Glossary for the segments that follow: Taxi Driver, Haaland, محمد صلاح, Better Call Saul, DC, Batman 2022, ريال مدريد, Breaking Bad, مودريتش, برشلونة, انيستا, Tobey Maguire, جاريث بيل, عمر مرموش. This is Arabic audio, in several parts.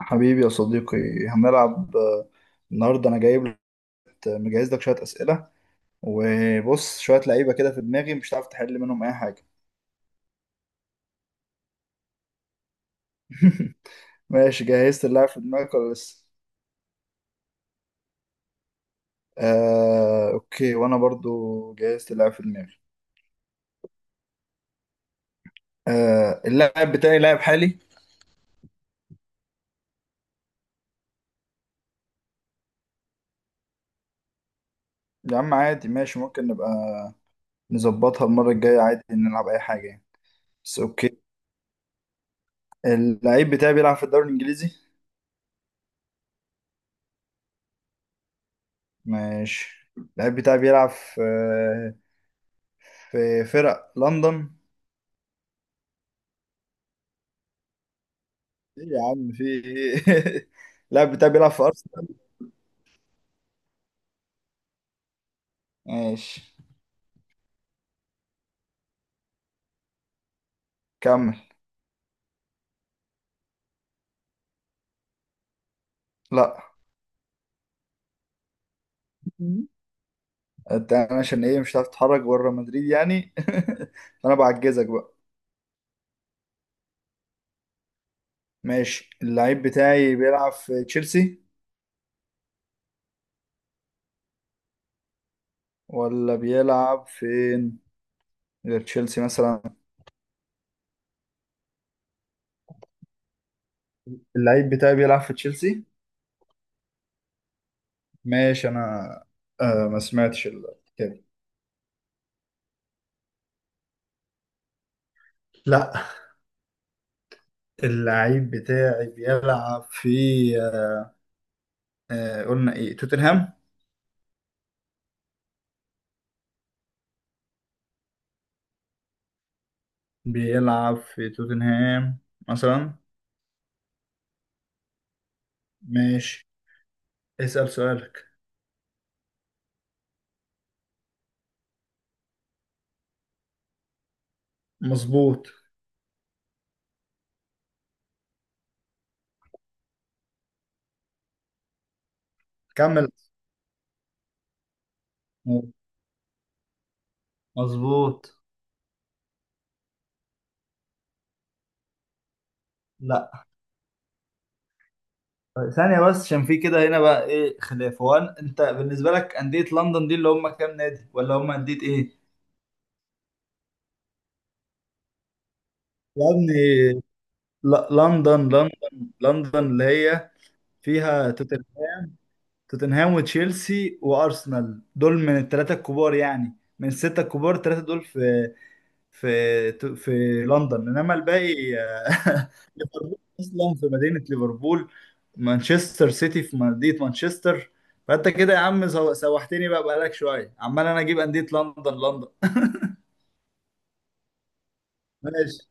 حبيبي يا صديقي، هنلعب. النهارده انا جايب لك، مجهز لك شويه اسئله وبص شويه لعيبه كده في دماغي مش هتعرف تحل منهم اي حاجه. ماشي، جهزت اللاعب في دماغك ولا لسه؟ اوكي، وانا برضو جهزت اللاعب في دماغي. اللاعب بتاعي لاعب حالي. يا عم عادي، ماشي، ممكن نبقى نظبطها المره الجايه، عادي نلعب اي حاجه يعني. بس اوكي. اللعيب بتاعي بيلعب في الدوري الانجليزي. ماشي. اللعيب بتاعي بيلعب في فرق لندن. ايه يا عم في ايه. اللاعب بتاعي بيلعب في ارسنال. ماشي، كمل. لا. مم. انت، انا عشان ايه مش هتعرف تتحرك بره مدريد يعني. فانا بعجزك بقى. ماشي. اللعيب بتاعي بيلعب في تشيلسي. ولا بيلعب فين غير تشيلسي مثلا. اللعيب بتاعي بيلعب في تشيلسي. ماشي، انا ما سمعتش كده. لا. اللعيب بتاعي بيلعب في آه قلنا ايه، توتنهام. بيلعب في توتنهام مثلا. ماشي، اسأل سؤالك. مظبوط. كمل. مظبوط. لا. ثانية بس، عشان في كده هنا بقى ايه خلاف، هو انت بالنسبة لك أندية لندن دي اللي هم كام نادي، ولا هم أندية ايه؟ يا ابني، لا، لندن لندن. لندن اللي هي فيها توتنهام وتشيلسي وأرسنال، دول من الثلاثة الكبار يعني، من الستة الكبار الثلاثة دول في لندن، انما الباقي ليفربول اصلا في مدينه ليفربول، مانشستر سيتي في مدينه مانشستر. فانت كده يا عم سوحتني بقى، بقالك شويه عمال انا اجيب انديه لندن لندن. ماشي.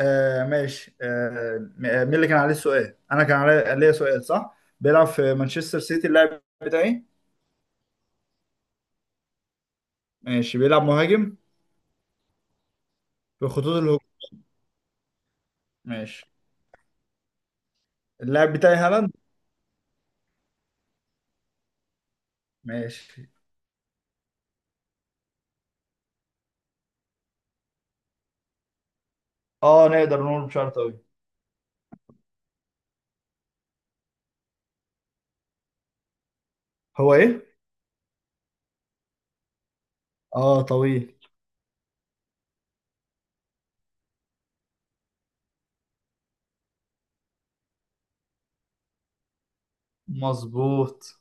ماشي، مين اللي كان عليه السؤال، انا كان علي ليا سؤال صح، بيلعب في مانشستر سيتي اللاعب بتاعي. ماشي، بيلعب مهاجم في خطوط الهجوم. ماشي. اللاعب بتاعي هالاند. ماشي. اه، نقدر نقول بشعر طويل. هو ايه؟ اه، طويل. مظبوط.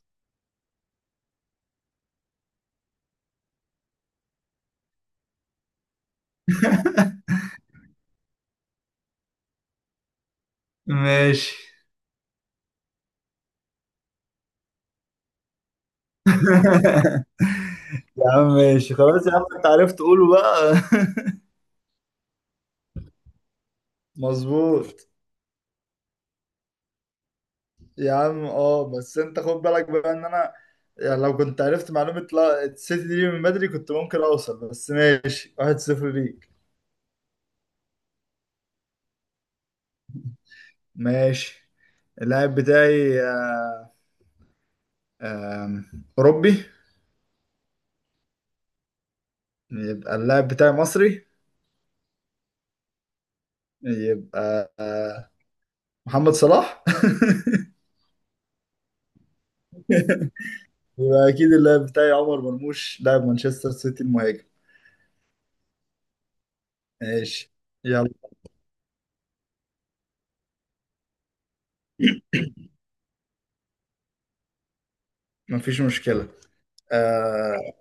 ماشي. يا عم ماشي، خلاص يا عم انت عرفت تقوله بقى. مظبوط. يا عم اه، بس انت خد بالك بقى ان انا يعني، لو كنت عرفت معلومة لا السيتي دي من بدري، كنت ممكن اوصل، بس ماشي، واحد صفر ليك. ماشي. اللاعب بتاعي آه، آم، اوروبي. يبقى اللاعب بتاعي مصري. يبقى محمد صلاح. يبقى اكيد اللاعب بتاعي عمر مرموش، لاعب مانشستر سيتي المهاجم. ماشي. يلا. مفيش مشكلة. آه،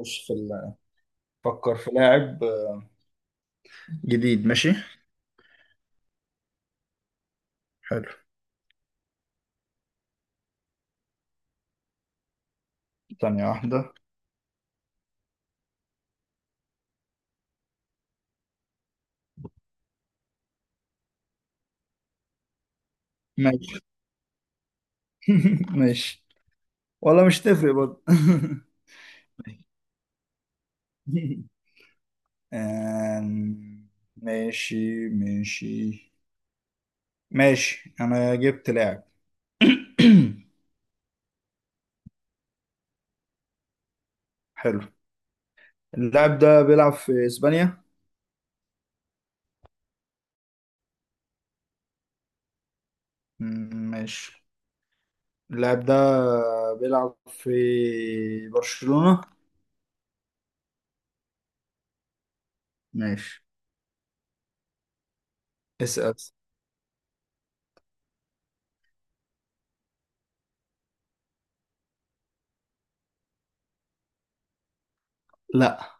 خش في فكر في لاعب جديد. ماشي. حلو. ثانية واحدة. ماشي. ماشي. ولا مش تفرق برضه. آم، ماشي ماشي ماشي، انا جبت لاعب. حلو. اللاعب ده بيلعب في اسبانيا. ماشي. اللاعب ده بيلعب في برشلونة. ماشي، اسأل. لا.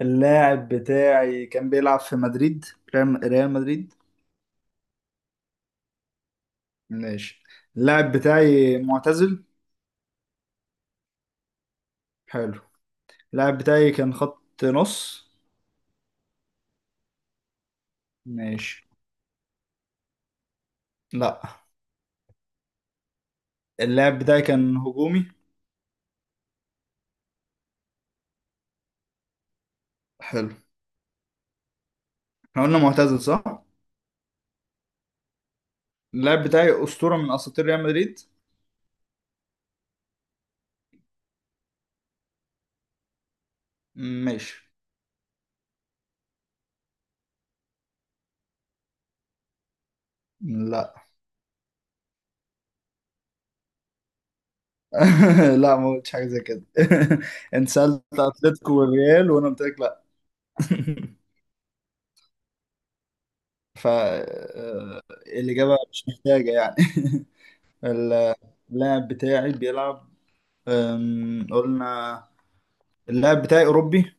اللاعب بتاعي كان بيلعب في مدريد، ريال مدريد. ماشي. اللاعب بتاعي معتزل. حلو. اللاعب بتاعي كان خط نص. ماشي. لا. اللاعب بتاعي كان هجومي. حلو. احنا قلنا معتزل صح. اللاعب بتاعي أسطورة من أساطير ريال مدريد. ماشي. لا. لا، ما قلتش حاجه زي كده. انت سالت اتلتيكو والريال وانا قلت لك لا. ف الاجابه مش محتاجه يعني. اللاعب بتاعي بيلعب، قلنا اللاعب بتاعي أوروبي.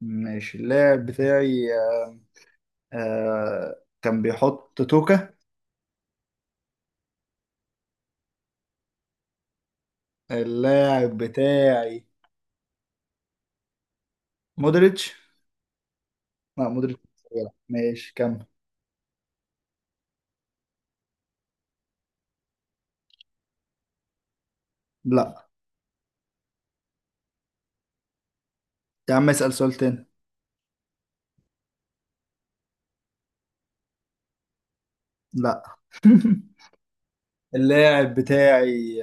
ماشي. اللاعب بتاعي كان بيحط توكا. اللاعب بتاعي مودريتش. لا مودريتش مش بيلعب. ماشي، كمل. لا. يا عم اسأل سؤال تاني. لا. اللاعب بتاعي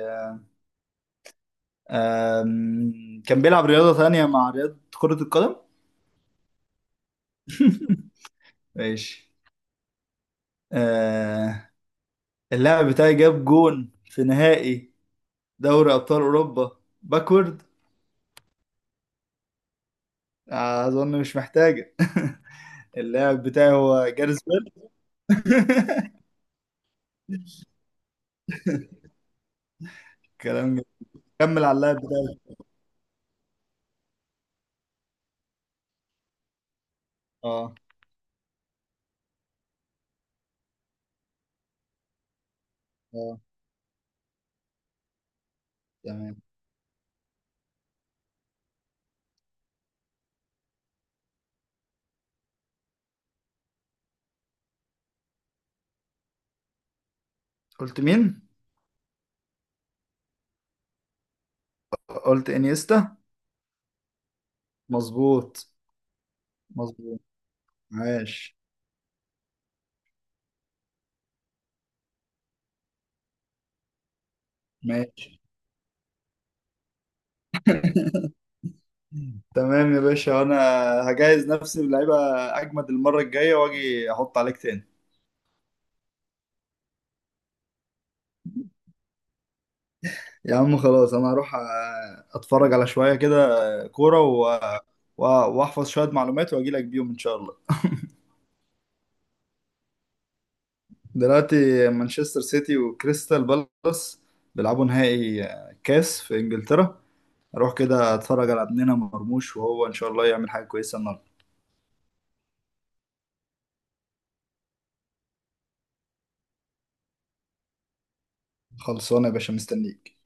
كان بيلعب رياضة تانية مع رياضة كرة القدم. ماشي. آه، اللاعب بتاعي جاب جون في نهائي دوري أبطال أوروبا، باكورد. أظن مش محتاجة. اللاعب بتاعي هو جاريث بيل. كلام جميل. كمل على اللاعب بتاعي. اه، اه. تمام. قلت مين؟ قلت انيستا. مظبوط. مظبوط. ماشي. ماشي. تمام يا باشا. وانا هجهز نفسي بلعيبه، اجمد المره الجايه واجي احط عليك تاني. يا عم خلاص، انا هروح اتفرج على شويه كده، كوره واحفظ شويه معلومات واجي لك بيهم ان شاء الله. دلوقتي مانشستر سيتي وكريستال بالاس بيلعبوا نهائي كاس في انجلترا. اروح كده اتفرج على ابننا مرموش، وهو ان شاء الله يعمل حاجه كويسه النهارده. خلصانه يا باشا، مستنيك.